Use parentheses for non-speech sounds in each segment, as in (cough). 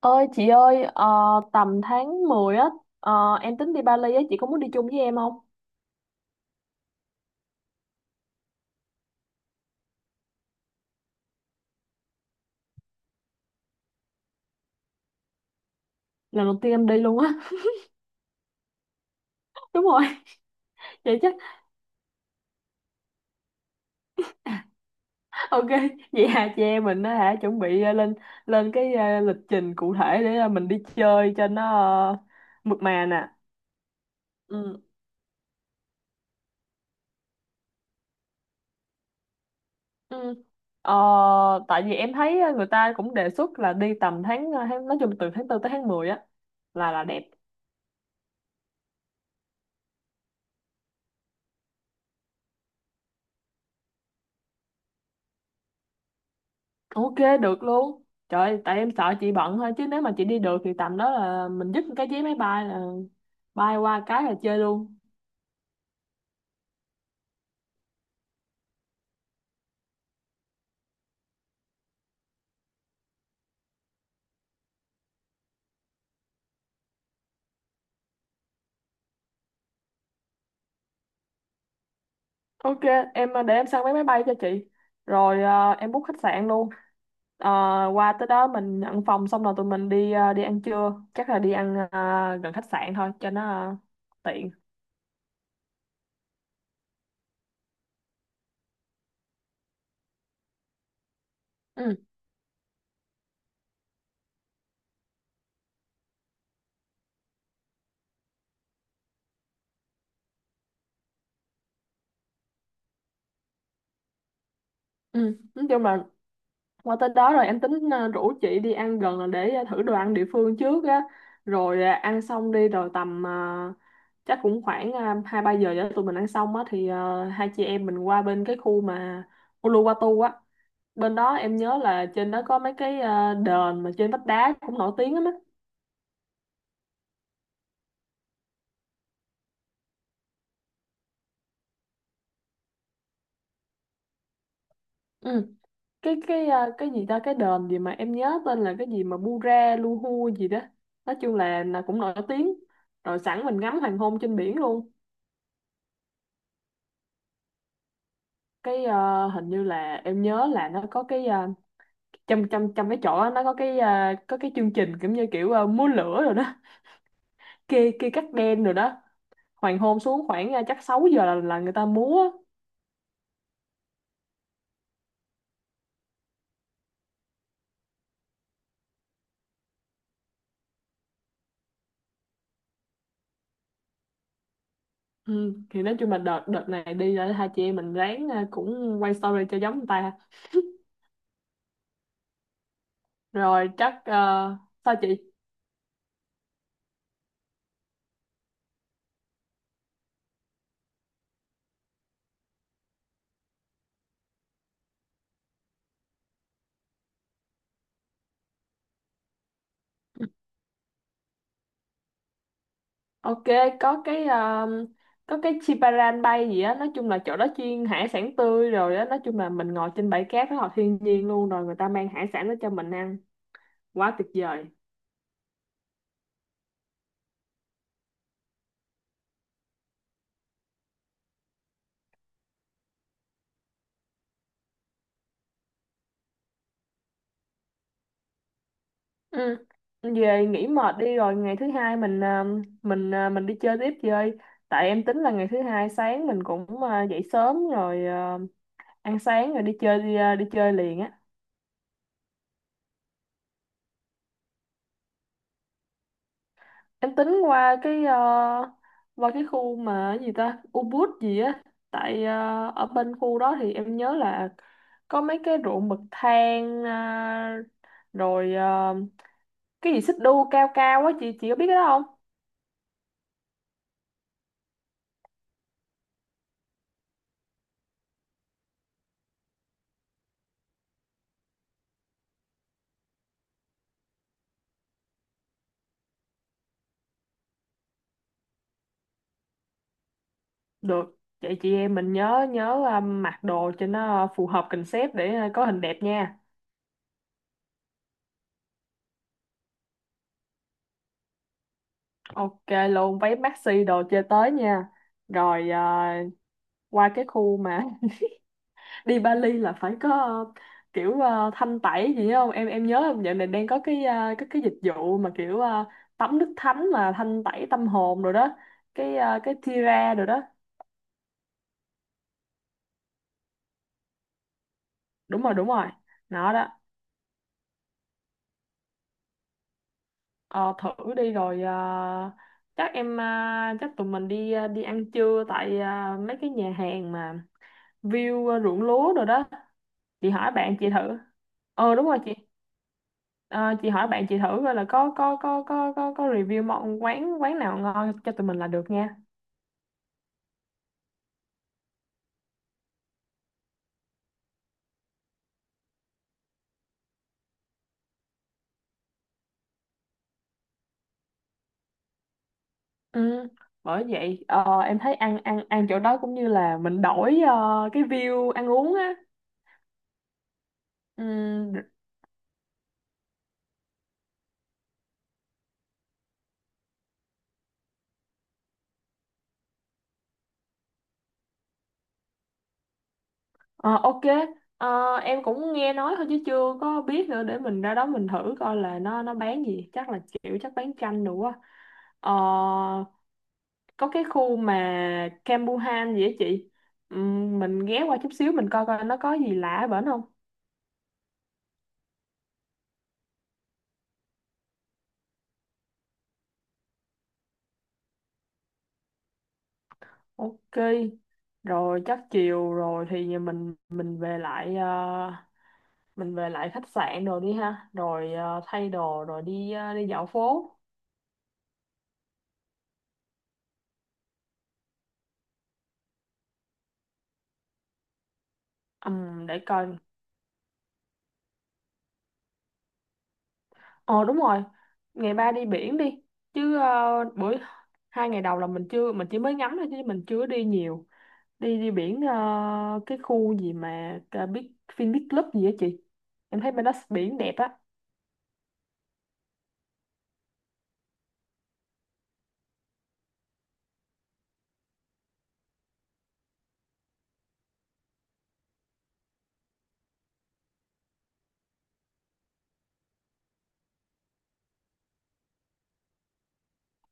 Ơi chị ơi, tầm tháng 10 á. ờ, em tính đi Bali á, chị có muốn đi chung với em không? Lần đầu tiên em đi luôn á. (laughs) Đúng rồi, vậy chắc ok. Vậy hà chị em mình á hả, chuẩn bị lên lên cái lịch trình cụ thể để mình đi chơi cho nó ờ, mượt mà nè. Ừ. Ừ. Ờ, tại vì em thấy người ta cũng đề xuất là đi tầm tháng, tháng nói chung từ tháng tư tới tháng 10 á là đẹp. Ok, được luôn. Trời, tại em sợ chị bận thôi. Chứ nếu mà chị đi được thì tầm đó là mình dứt cái vé máy bay là bay qua cái là chơi luôn. Ok, em, để em săn vé máy bay cho chị. Rồi à, em book khách sạn luôn. Ờ, Qua tới đó mình nhận phòng, xong rồi tụi mình đi à, đi ăn trưa. Chắc là đi ăn à, gần khách sạn thôi, cho nó à, tiện. Ừ, ừ. Nói chung là qua tới đó rồi em tính rủ chị đi ăn gần là để thử đồ ăn địa phương trước á. Rồi ăn xong đi rồi tầm chắc cũng khoảng hai ba giờ cho tụi mình ăn xong á, thì hai chị em mình qua bên cái khu mà Uluwatu á. Bên đó em nhớ là trên đó có mấy cái đền mà trên vách đá cũng nổi tiếng lắm á. Ừ. Cái gì ta, cái đền gì mà em nhớ tên là cái gì mà Bura Luhu gì đó. Nói chung là cũng nổi tiếng. Rồi sẵn mình ngắm hoàng hôn trên biển luôn. Cái hình như là em nhớ là nó có cái trong trong trong cái chỗ đó, nó có cái có cái chương trình kiểu như kiểu múa lửa rồi đó. (laughs) Kê kê cắt đen rồi đó, hoàng hôn xuống khoảng chắc 6 giờ là người ta múa. Ừ, thì nói chung là đợt đợt này đi là hai chị em mình ráng cũng quay story cho giống người ta. Rồi chắc sao chị? Ok, có cái có cái Chiparan Bay gì á, nói chung là chỗ đó chuyên hải sản tươi rồi á, nói chung là mình ngồi trên bãi cát rất là thiên nhiên luôn, rồi người ta mang hải sản đó cho mình ăn, quá tuyệt vời. Ừ. Về nghỉ mệt đi rồi ngày thứ hai mình à, mình đi chơi tiếp chơi. Tại em tính là ngày thứ hai sáng mình cũng à, dậy sớm rồi à, ăn sáng rồi đi chơi đi, à, đi chơi liền á. Em tính qua cái à, qua cái khu mà cái gì ta Ubud gì á. Tại à, ở bên khu đó thì em nhớ là có mấy cái ruộng bậc thang à, rồi à, cái gì xích đu cao cao á, chị có biết cái đó không? Được, vậy chị em mình nhớ nhớ à, mặc đồ cho nó phù hợp concept để à, có hình đẹp nha. Ok luôn, váy maxi đồ chơi tới nha. Rồi à, qua cái khu mà (laughs) đi Bali là phải có à, kiểu à, thanh tẩy gì không em, em nhớ dạo này đang có cái à, cái dịch vụ mà kiểu à, tắm nước thánh mà thanh tẩy tâm hồn rồi đó, cái à, cái Tira rồi đó. Đúng rồi, đúng rồi, nó đó. Ờ, thử đi rồi chắc em, chắc tụi mình đi đi ăn trưa tại mấy cái nhà hàng mà view ruộng lúa rồi đó. Chị hỏi bạn chị thử. Ờ đúng rồi chị. Ờ, chị hỏi bạn chị thử coi là có review món quán quán nào ngon cho tụi mình là được nha. Ừ, bởi vậy em thấy ăn ăn ăn chỗ đó cũng như là mình đổi cái view ăn uống á. Ừ. Ờ, ok. Ờ, em cũng nghe nói thôi chứ chưa có biết nữa, để mình ra đó mình thử coi là nó bán gì, chắc là kiểu chắc bán chanh đủ á. Ờ, có cái khu mà Campuhan gì á chị. Mình ghé qua chút xíu mình coi coi nó có gì lạ ở bển không. Ok, rồi chắc chiều rồi thì mình về lại mình về lại khách sạn rồi đi ha, rồi thay đồ rồi đi đi dạo phố. Để coi. Ờ đúng rồi, ngày ba đi biển đi. Chứ buổi hai ngày đầu là mình chưa, mình chỉ mới ngắm thôi chứ mình chưa đi nhiều. Đi đi biển cái khu gì mà Big Fin Big Club gì á chị. Em thấy bên đó biển đẹp á.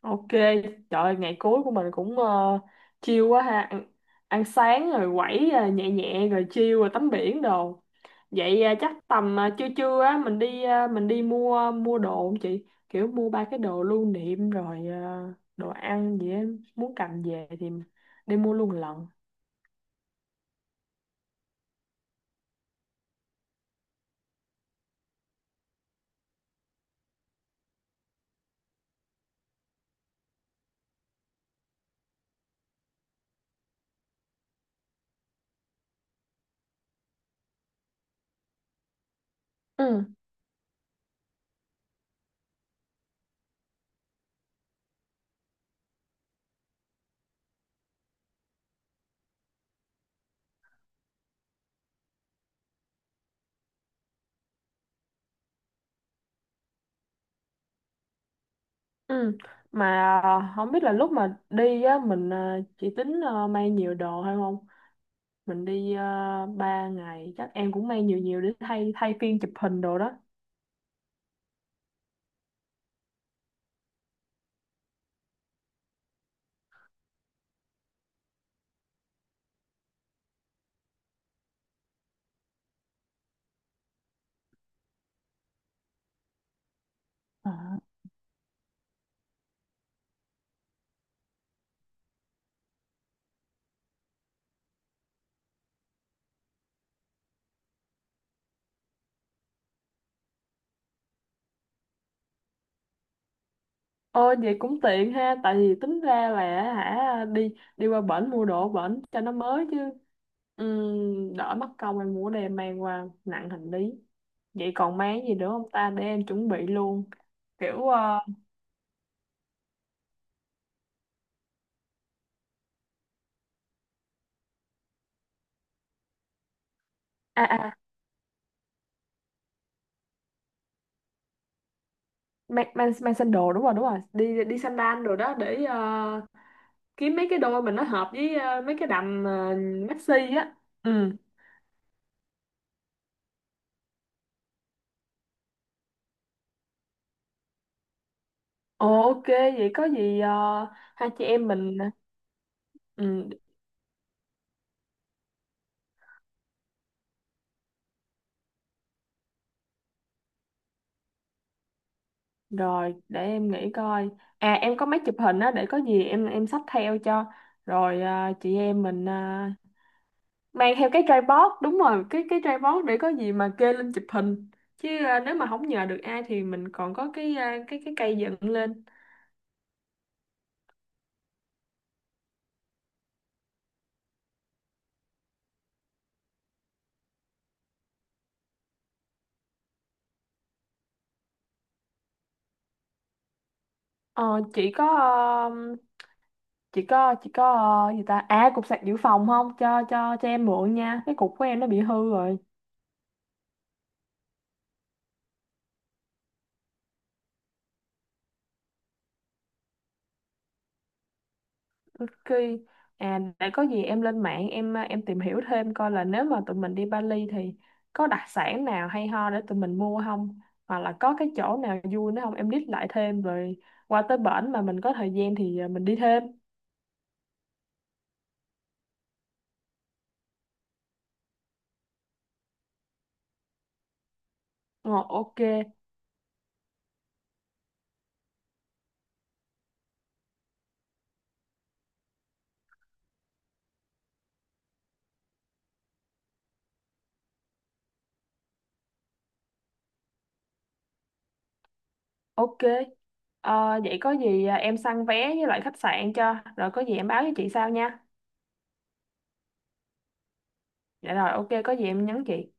Ok, trời ơi, ngày cuối của mình cũng chill quá ha, ăn, ăn sáng rồi quẩy nhẹ nhẹ rồi chill rồi tắm biển đồ. Vậy chắc tầm trưa trưa á mình đi mình đi mua mua đồ không chị? Kiểu mua ba cái đồ lưu niệm rồi đồ ăn gì á, muốn cầm về thì đi mua luôn lận. Ừ, ừ. Mà không biết là lúc mà đi á mình chị tính mang nhiều đồ hay không? Mình đi 3 ngày, chắc em cũng mang nhiều nhiều để thay thay phiên chụp hình đồ đó. À, ôi vậy cũng tiện ha, tại vì tính ra là hả, đi đi qua bển mua đồ ở bển cho nó mới chứ. Đỡ mất công em mua đem mang qua nặng hành lý. Vậy còn mang gì nữa không ta để em chuẩn bị luôn. Kiểu à à mang mang mang sandal đúng rồi, đúng rồi, đi đi sandal rồi đó để kiếm mấy cái đôi mình nó hợp với mấy cái đầm maxi á. Ừ. Ồ ok, vậy có gì hai chị em mình. Ừ, rồi để em nghĩ coi. À em có máy chụp hình á, để có gì em xách theo cho. Rồi chị em mình mang theo cái tripod, đúng rồi, cái tripod để có gì mà kê lên chụp hình. Chứ nếu mà không nhờ được ai thì mình còn có cái cái cây dựng lên. Ờ chị có gì ta? À cục sạc dự phòng không? Cho em mượn nha. Cái cục của em nó bị hư rồi. Ok. À, để có gì em lên mạng em à, em tìm hiểu thêm coi là nếu mà tụi mình đi Bali thì có đặc sản nào hay ho để tụi mình mua không? Hoặc là có cái chỗ nào vui nữa không? Em list lại thêm rồi qua tới bển mà mình có thời gian thì à, mình đi thêm. Ờ, ok, ok. Ờ, vậy có gì à, em săn vé với lại khách sạn cho. Rồi có gì em báo với chị sau nha. Dạ rồi, ok, có gì em nhắn chị.